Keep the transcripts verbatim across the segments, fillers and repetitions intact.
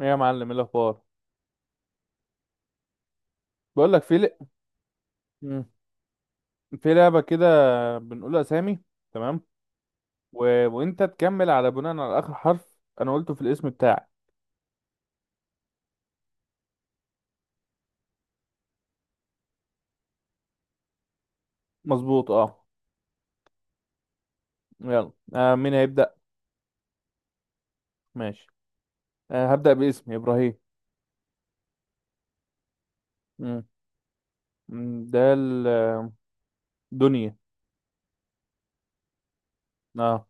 ايه يا معلم، ايه الاخبار؟ بقول لك في ل... مم. في لعبه كده، بنقول اسامي. تمام. و... وانت تكمل على بناء على اخر حرف انا قلته في الاسم بتاعي. مظبوط اه. يلا آه مين هيبدا؟ ماشي آه هبدا باسمي ابراهيم. مم. مم، ده ال- آه، دنيا. اه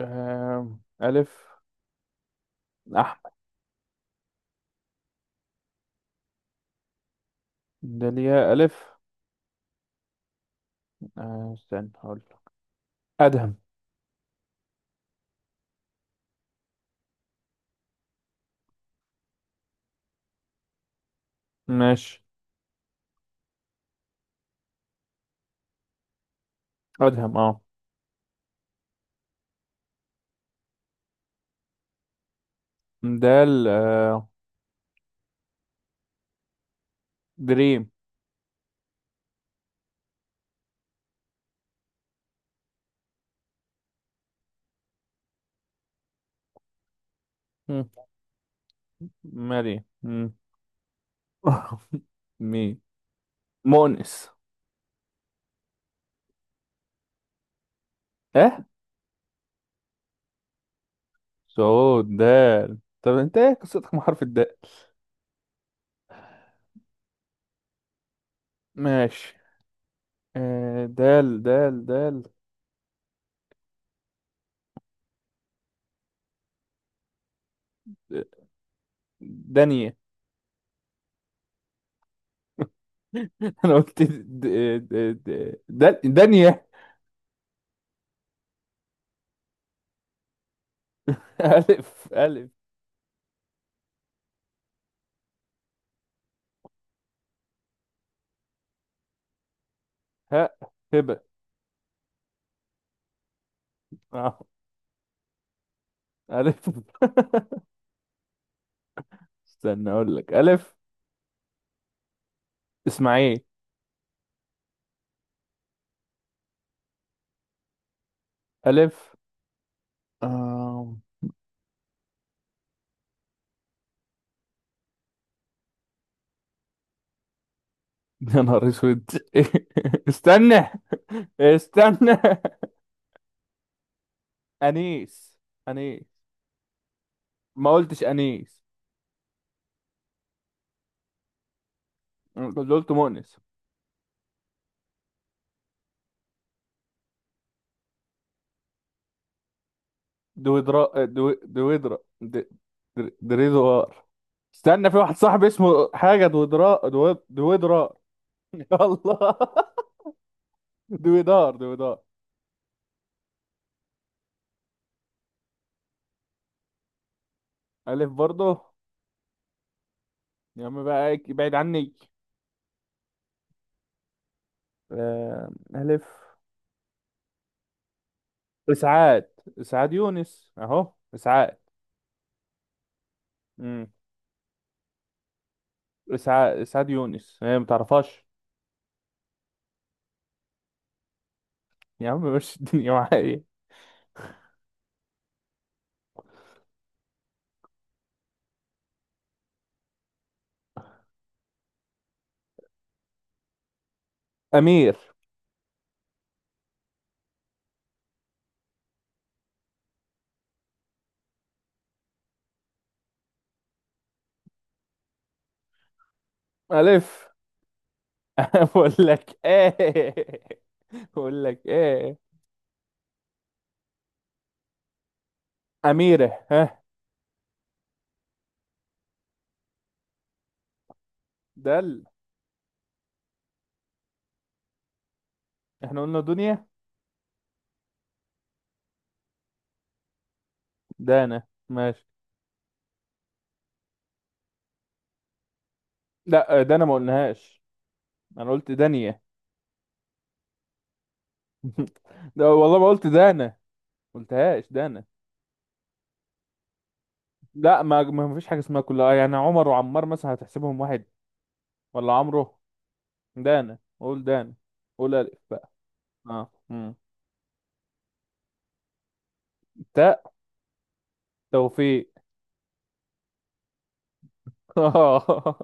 آه، الف. احمد. داليا الف. آه استنى هقول لك. ادهم. ماشي ادهم اه. ده ال- آه، دريم. مم. مريم. مم. مين مؤنث؟ اه. صعود دال. طب انت ايه قصتك مع حرف الدال؟ ماشي آه، دال دال دال. دانية. انا قلت د- د- د- دال دانية. الف الف. هاء هبة. اه الف. استنى اقول لك الف. اسماعيل الف. آم، يا نهار اسود. استنى. استنى. انيس انيس. ما قلتش انيس. اللي قلت مؤنس. دويدرا دو... دويدرا د... در- دريدوار. استنى، في واحد صاحبي اسمه حاجة. دويدرا دو... دويدرار. الله. دويدار دويدار. ألف برضه. يا عم بقى إيه، بعيد عني. آه، ألف. إسعاد. إسعاد يونس أهو إسعاد. امم إسعاد. إسعاد يونس، هي ما تعرفهاش. يا عم مش الدنيا معايا. أمير ألف. بقول لك إيه. بقول لك إيه. أميرة ها. دل. احنا قلنا دنيا. دانا ماشي. لا، دانا ما قلناهاش. انا قلت دانية. ده والله ما قلت دانا. قلتهاش دانا. لا، ما ما فيش حاجة اسمها كلها، يعني عمر وعمار مثلا هتحسبهم واحد؟ ولا عمرو. دانا، قول دانا. قول ألف بقى. اه مم. تاء. توفيق. اه.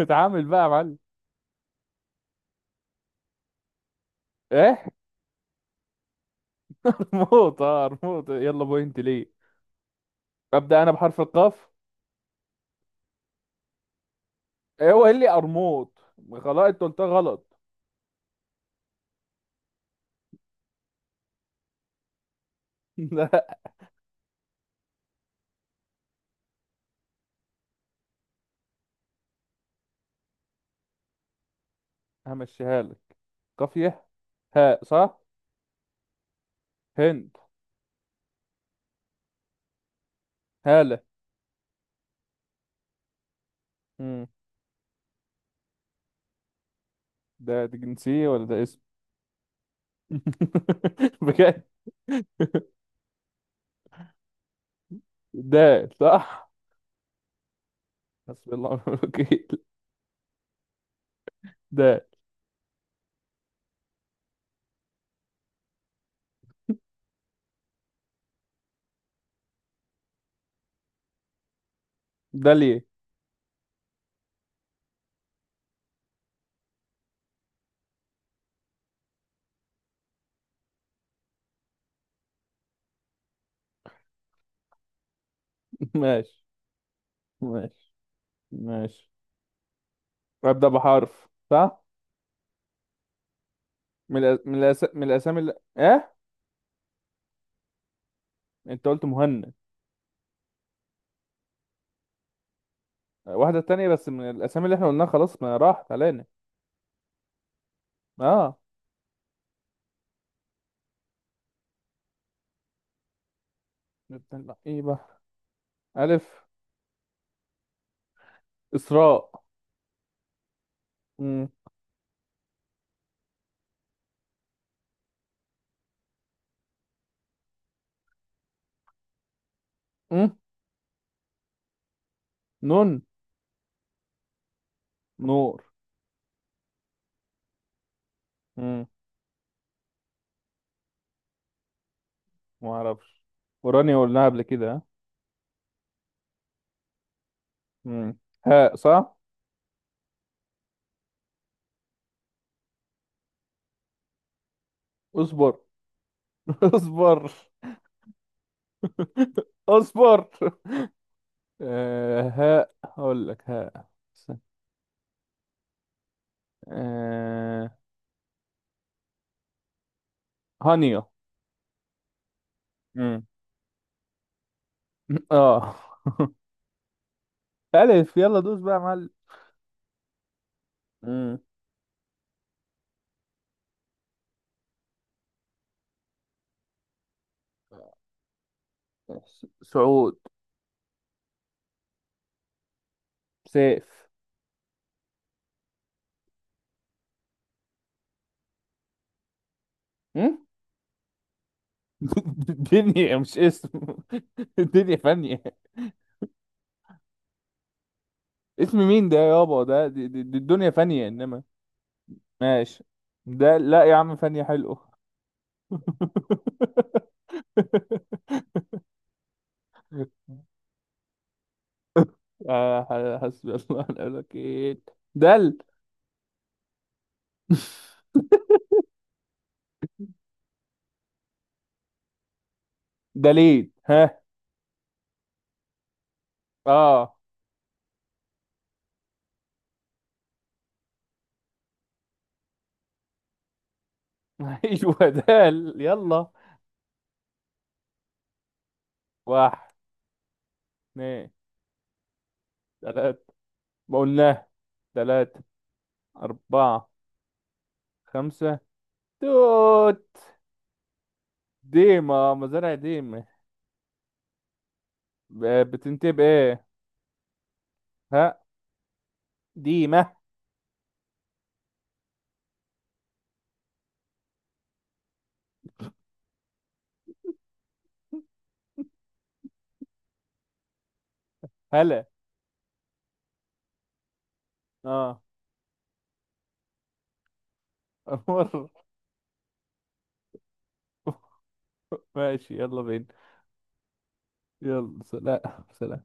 اتعامل بقى يا معلم. ايه. موت اه موت. يلا بوينت ليه. ابدا انا بحرف القاف. إيه هو قال لي قرموط؟ خلاص انت قلتها غلط. لا. همشيها لك. قافية. هاء صح. هند. هالة. مم. ده دي جنسية ولا ده اسم؟ بجد؟ ده صح. حسبي الله ونعم الوكيل. ده. ده ليه؟ ماشي ماشي ماشي. أبدأ بحرف صح. من الأس... من, الأس... من الأسامي اللي... إيه. أنت قلت مهند. واحدة تانية بس من الأسامي اللي إحنا قلناها، خلاص ما راحت علينا. آه. نبدأ بقى إيه بقى؟ ألف. إسراء. مم. مم. نون. نور. مم. ما أعرفش. ورانيا قلناها قبل كده ها؟ مم. هاء صح. اصبر. اصبر. اصبر آه هاء هقول لك هاء. آه. هانيا. مم. اه. ألف، يلا دوس بقى يا معلم. مم. س- سعود. سيف. مم؟ دنيا مش اسم. الدنيا فانية. اسم مين ده يابا؟ ده دي- دي- دي الدنيا فانية انما. ماشي. ده لا يا عم، فني حلو. آه، ح- حسبي الله ونعم الوكيل. دل. دليل ها. اه. ايوه دال يلا. واحد اثنين ثلاثة. ما قلناه. ثلاثة أربعة خمسة توت. ديما مزارع ديما. ب- بتنتهي بإيه؟ ها. ديما. هلا. اه. مر. ماشي يلا بينا. يلا سلام. سلام.